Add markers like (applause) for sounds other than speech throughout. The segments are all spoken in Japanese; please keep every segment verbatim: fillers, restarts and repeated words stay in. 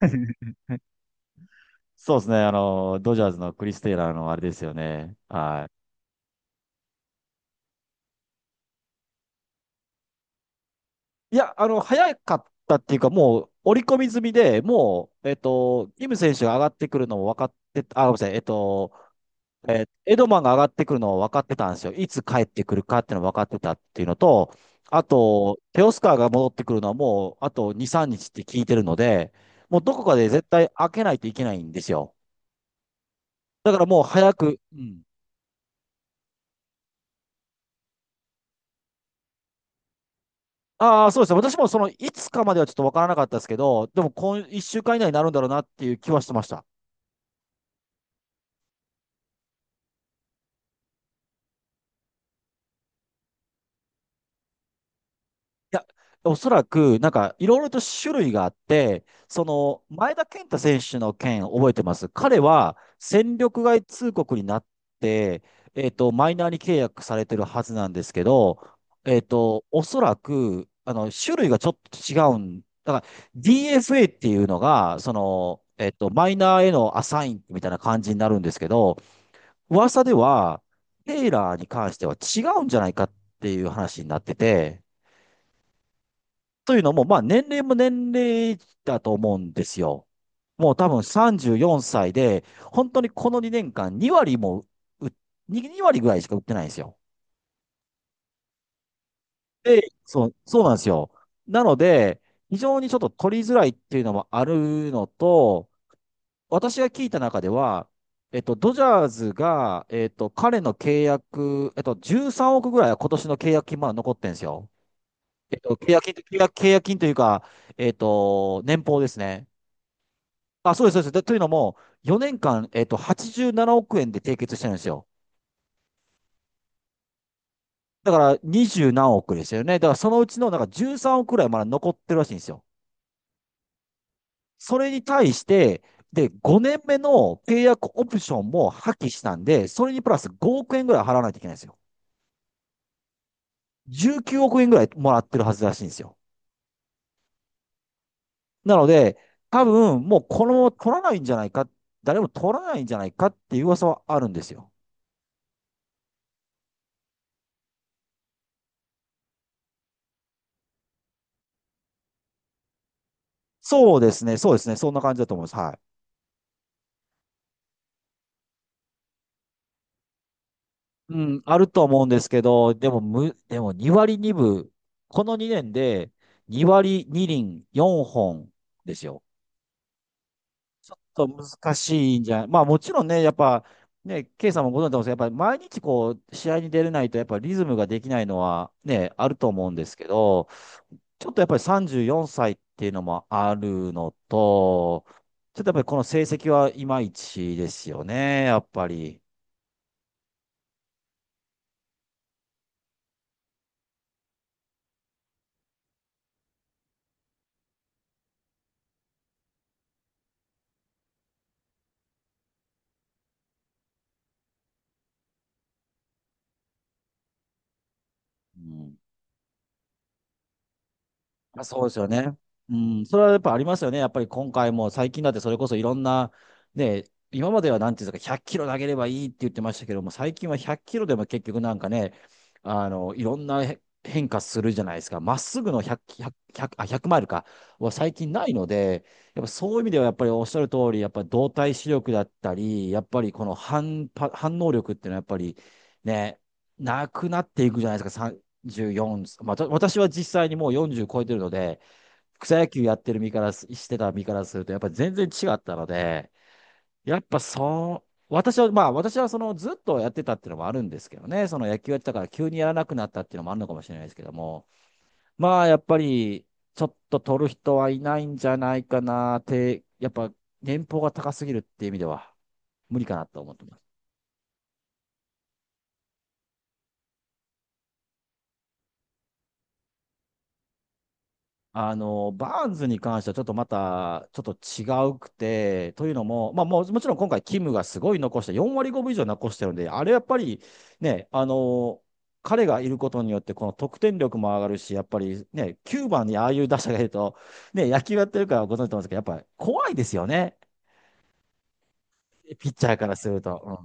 (laughs) そうですね。あの、ドジャースのクリス・テイラーのあれですよね。はい。いや、あの、早かったっていうか、もう、織り込み済みで、もう、えっと、イム選手が上がってくるのも分かってた。あ、ごめんなさい、えっと、えーエドマンが上がってくるのを分かってたんですよ。いつ帰ってくるかっていうのを分かってたっていうのと、あと、テオスカーが戻ってくるのはもう、あとに、さんにちって聞いてるので、もうどこかで絶対開けないといけないんですよ。だからもう早く。うん。ああ、そうですね。私もその、いつかまではちょっとわからなかったですけど、でも今、一週間以内になるんだろうなっていう気はしてました。いや、おそらく、なんか、いろいろと種類があって、その、前田健太選手の件覚えてます。彼は、戦力外通告になって、えっと、マイナーに契約されてるはずなんですけど、えっと、おそらく、あの、種類がちょっと違うん。だから、ディーエフエー っていうのが、その、えっと、マイナーへのアサインみたいな感じになるんですけど、噂では、テイラーに関しては違うんじゃないかっていう話になってて、というのも、まあ年齢も年齢だと思うんですよ。もう多分さんじゅうよんさいで、本当にこのにねんかんに割も打、に、に割ぐらいしか売ってないんですよ。で、そう、そうなんですよ。なので、非常にちょっと取りづらいっていうのもあるのと、私が聞いた中では、えっと、ドジャーズが、えっと、彼の契約、えっと、じゅうさんおくぐらいは今年の契約金まだ残ってんですよ。えっと、契約金と、契約契約金というか、えっと、年俸ですね。あ、そうです、そうです。でというのも、よねんかん、えっと、はちじゅうななおく円で締結してるんですよ。だから、にじゅう何億ですよね。だから、そのうちの、なんかじゅうさんおくぐらいまだ残ってるらしいんですよ。それに対して、で、ごねんめの契約オプションも破棄したんで、それにプラスごおく円ぐらい払わないといけないんですよ。じゅうきゅうおく円ぐらいもらってるはずらしいんですよ。なので、多分もうこのまま取らないんじゃないか、誰も取らないんじゃないかっていう噂はあるんですよ。そうですね、そうですね、そんな感じだと思います。はい。うん、あると思うんですけど、でもむ、でもに割にぶ、このにねんでに割に厘よんほんですよ。そう、難しいんじゃない。まあもちろんね、やっぱ、ね、ケイさんもご存知だと思うんですけど、やっぱり毎日こう、試合に出れないと、やっぱリズムができないのはね、あると思うんですけど、ちょっとやっぱりさんじゅうよんさいっていうのもあるのと、ちょっとやっぱりこの成績はいまいちですよね、やっぱり。うん。まあそうですよね。うん、それはやっぱありますよね。やっぱり今回も最近だってそれこそいろんな、ね、今まではなんていうんですか、ひゃくキロ投げればいいって言ってましたけども、最近はひゃくキロでも結局なんかね、あの、いろんなへ変化するじゃないですか。まっすぐの100、100、1あ、ひゃくマイルか、は最近ないので、やっぱそういう意味ではやっぱりおっしゃる通り、やっぱり動体視力だったり、やっぱりこの反、反応力っていうのはやっぱりね、なくなっていくじゃないですか。よんじゅうよんまあ、と私は実際にもうよんじゅう超えてるので、草野球やってる身からす、してた身からすると、やっぱ全然違ったので、やっぱそう、私は、まあ私はそのずっとやってたっていうのもあるんですけどね、その野球やってたから急にやらなくなったっていうのもあるのかもしれないですけども、まあやっぱり、ちょっと取る人はいないんじゃないかなって、やっぱ年俸が高すぎるっていう意味では無理かなと思ってます。あの、バーンズに関してはちょっとまた、ちょっと違うくて、というのも、まあもう、もちろん今回、キムがすごい残して、よん割ごぶ以上残してるんで、あれやっぱりね、あの、彼がいることによって、この得点力も上がるし、やっぱりね、きゅうばんにああいう打者がいると、ね、野球やってるからご存知と思うんですけど、やっぱり怖いですよね、ピッチャーからすると。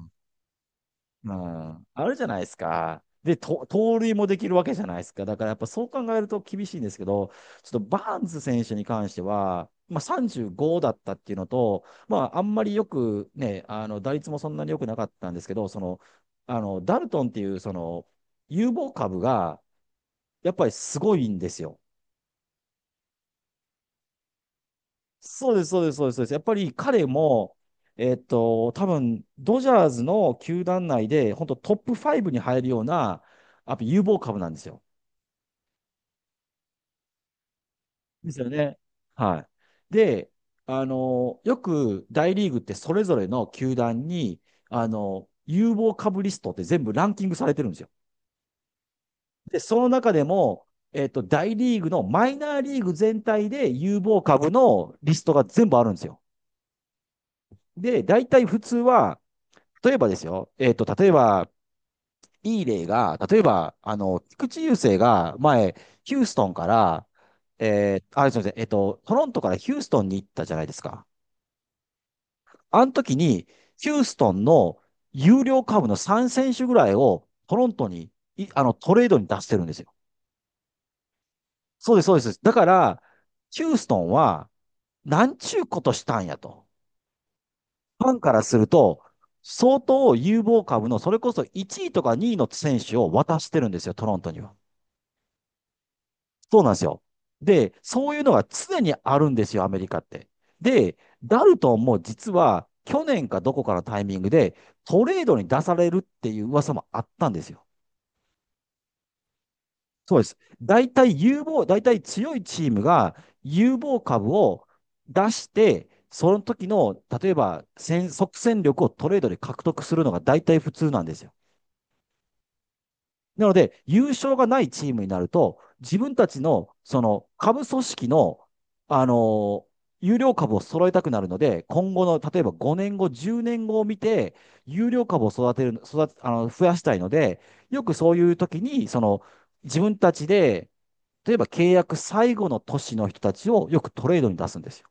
うん、あるじゃないですか。で、と盗塁もできるわけじゃないですか。だからやっぱそう考えると厳しいんですけど、ちょっとバーンズ選手に関しては、まあ、さんじゅうごだったっていうのと、まあ、あんまりよくね、あの打率もそんなに良くなかったんですけど、その、あのダルトンっていうその有望株がやっぱりすごいんですよ。そうです、そうです、そうです。そうですやっぱり彼も、えっと、多分ドジャーズの球団内で、本当トップファイブに入るような、やっぱ有望株なんですよ。ですよね。はい。で、あの、よく大リーグってそれぞれの球団に、あの、有望株リストって全部ランキングされてるんですよ。で、その中でも、えっと、大リーグのマイナーリーグ全体で有望株のリストが全部あるんですよ。で、大体普通は、例えばですよ、えっと、例えば、いい例が、例えば、あの、菊池雄星が前、ヒューストンから、えーあ、すみません、えっと、トロントからヒューストンに行ったじゃないですか。あの時に、ヒューストンの有料株のさんせん手ぐらいをトロントに、いあの、トレードに出してるんですよ。そうです、そうです。だから、ヒューストンは、なんちゅうことしたんやと。ファンからすると、相当有望株の、それこそいちいとかにいの選手を渡してるんですよ、トロントには。そうなんですよ。で、そういうのが常にあるんですよ、アメリカって。で、ダルトンも実は去年かどこかのタイミングでトレードに出されるっていう噂もあったんですよ。そうです。大体有望、大体強いチームが有望株を出して、その時の、例えば戦、即戦力をトレードで獲得するのが大体普通なんですよ。なので、優勝がないチームになると、自分たちのその株組織の、あの有料株を揃えたくなるので、今後の例えばごねんご、じゅうねんごを見て、有料株を育てる、育てあの増やしたいので、よくそういう時にその自分たちで、例えば契約最後の年の人たちをよくトレードに出すんですよ。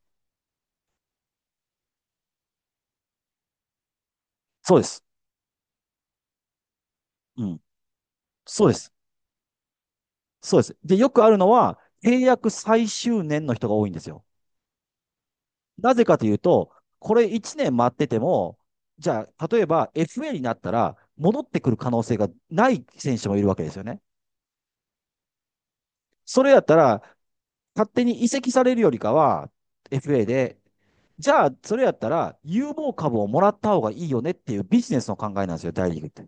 そうです。うん。そうです。そうです。で、よくあるのは、契約最終年の人が多いんですよ。なぜかというと、これいちねん待ってても、じゃあ、例えば エフエー になったら、戻ってくる可能性がない選手もいるわけですよね。それやったら、勝手に移籍されるよりかは、エフエー で、じゃあ、それやったら、有望株をもらった方がいいよねっていうビジネスの考えなんですよ、大リーグって。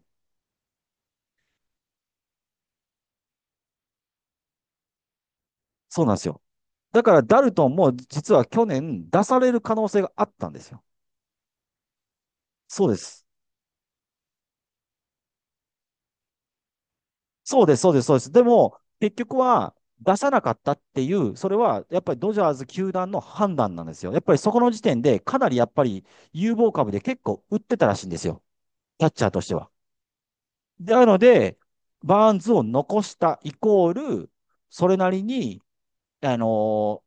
そうなんですよ。だから、ダルトンも実は去年出される可能性があったんですよ。そうです。そうです、そうです、そうです。でも、結局は出さなかったっていう、それはやっぱりドジャーズ球団の判断なんですよ。やっぱりそこの時点で、かなりやっぱり有望株で結構売ってたらしいんですよ。キャッチャーとしては。なので、バーンズを残したイコール、それなりに、あのー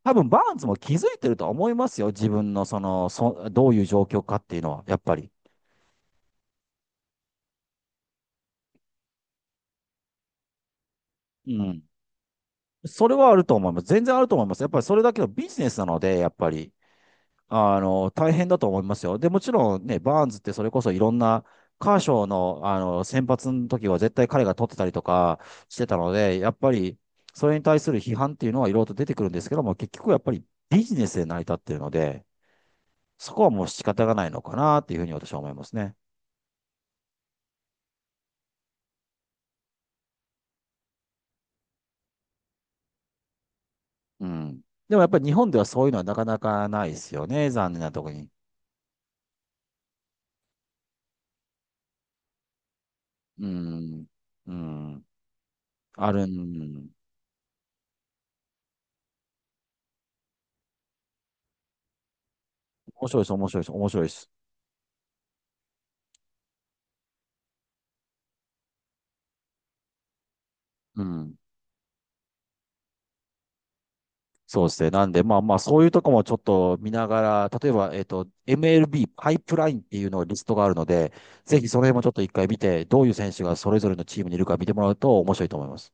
多分バーンズも気づいてるとは思いますよ。自分のその、そ、どういう状況かっていうのは、やっぱり。うん。それはあると思います。全然あると思います。やっぱりそれだけのビジネスなので、やっぱり。あの、大変だと思いますよ。で、もちろんね、バーンズってそれこそいろんな、カーショーの、あの、先発の時は絶対彼が取ってたりとかしてたので、やっぱり、それに対する批判っていうのはいろいろと出てくるんですけども、結局やっぱりビジネスで成り立ってるので、そこはもう仕方がないのかなっていうふうに私は思いますね。うん。でもやっぱり日本ではそういうのはなかなかないですよね、残念なところに。うん。うん。あるん。面白いです、面白いです、面白いです。うん。そうですね。なんで、まあまあ、そういうとこもちょっと見ながら、例えば、えっと、エムエルビー パイプラインっていうのがリストがあるので、ぜひその辺もちょっと一回見て、どういう選手がそれぞれのチームにいるか見てもらうと面白いと思います。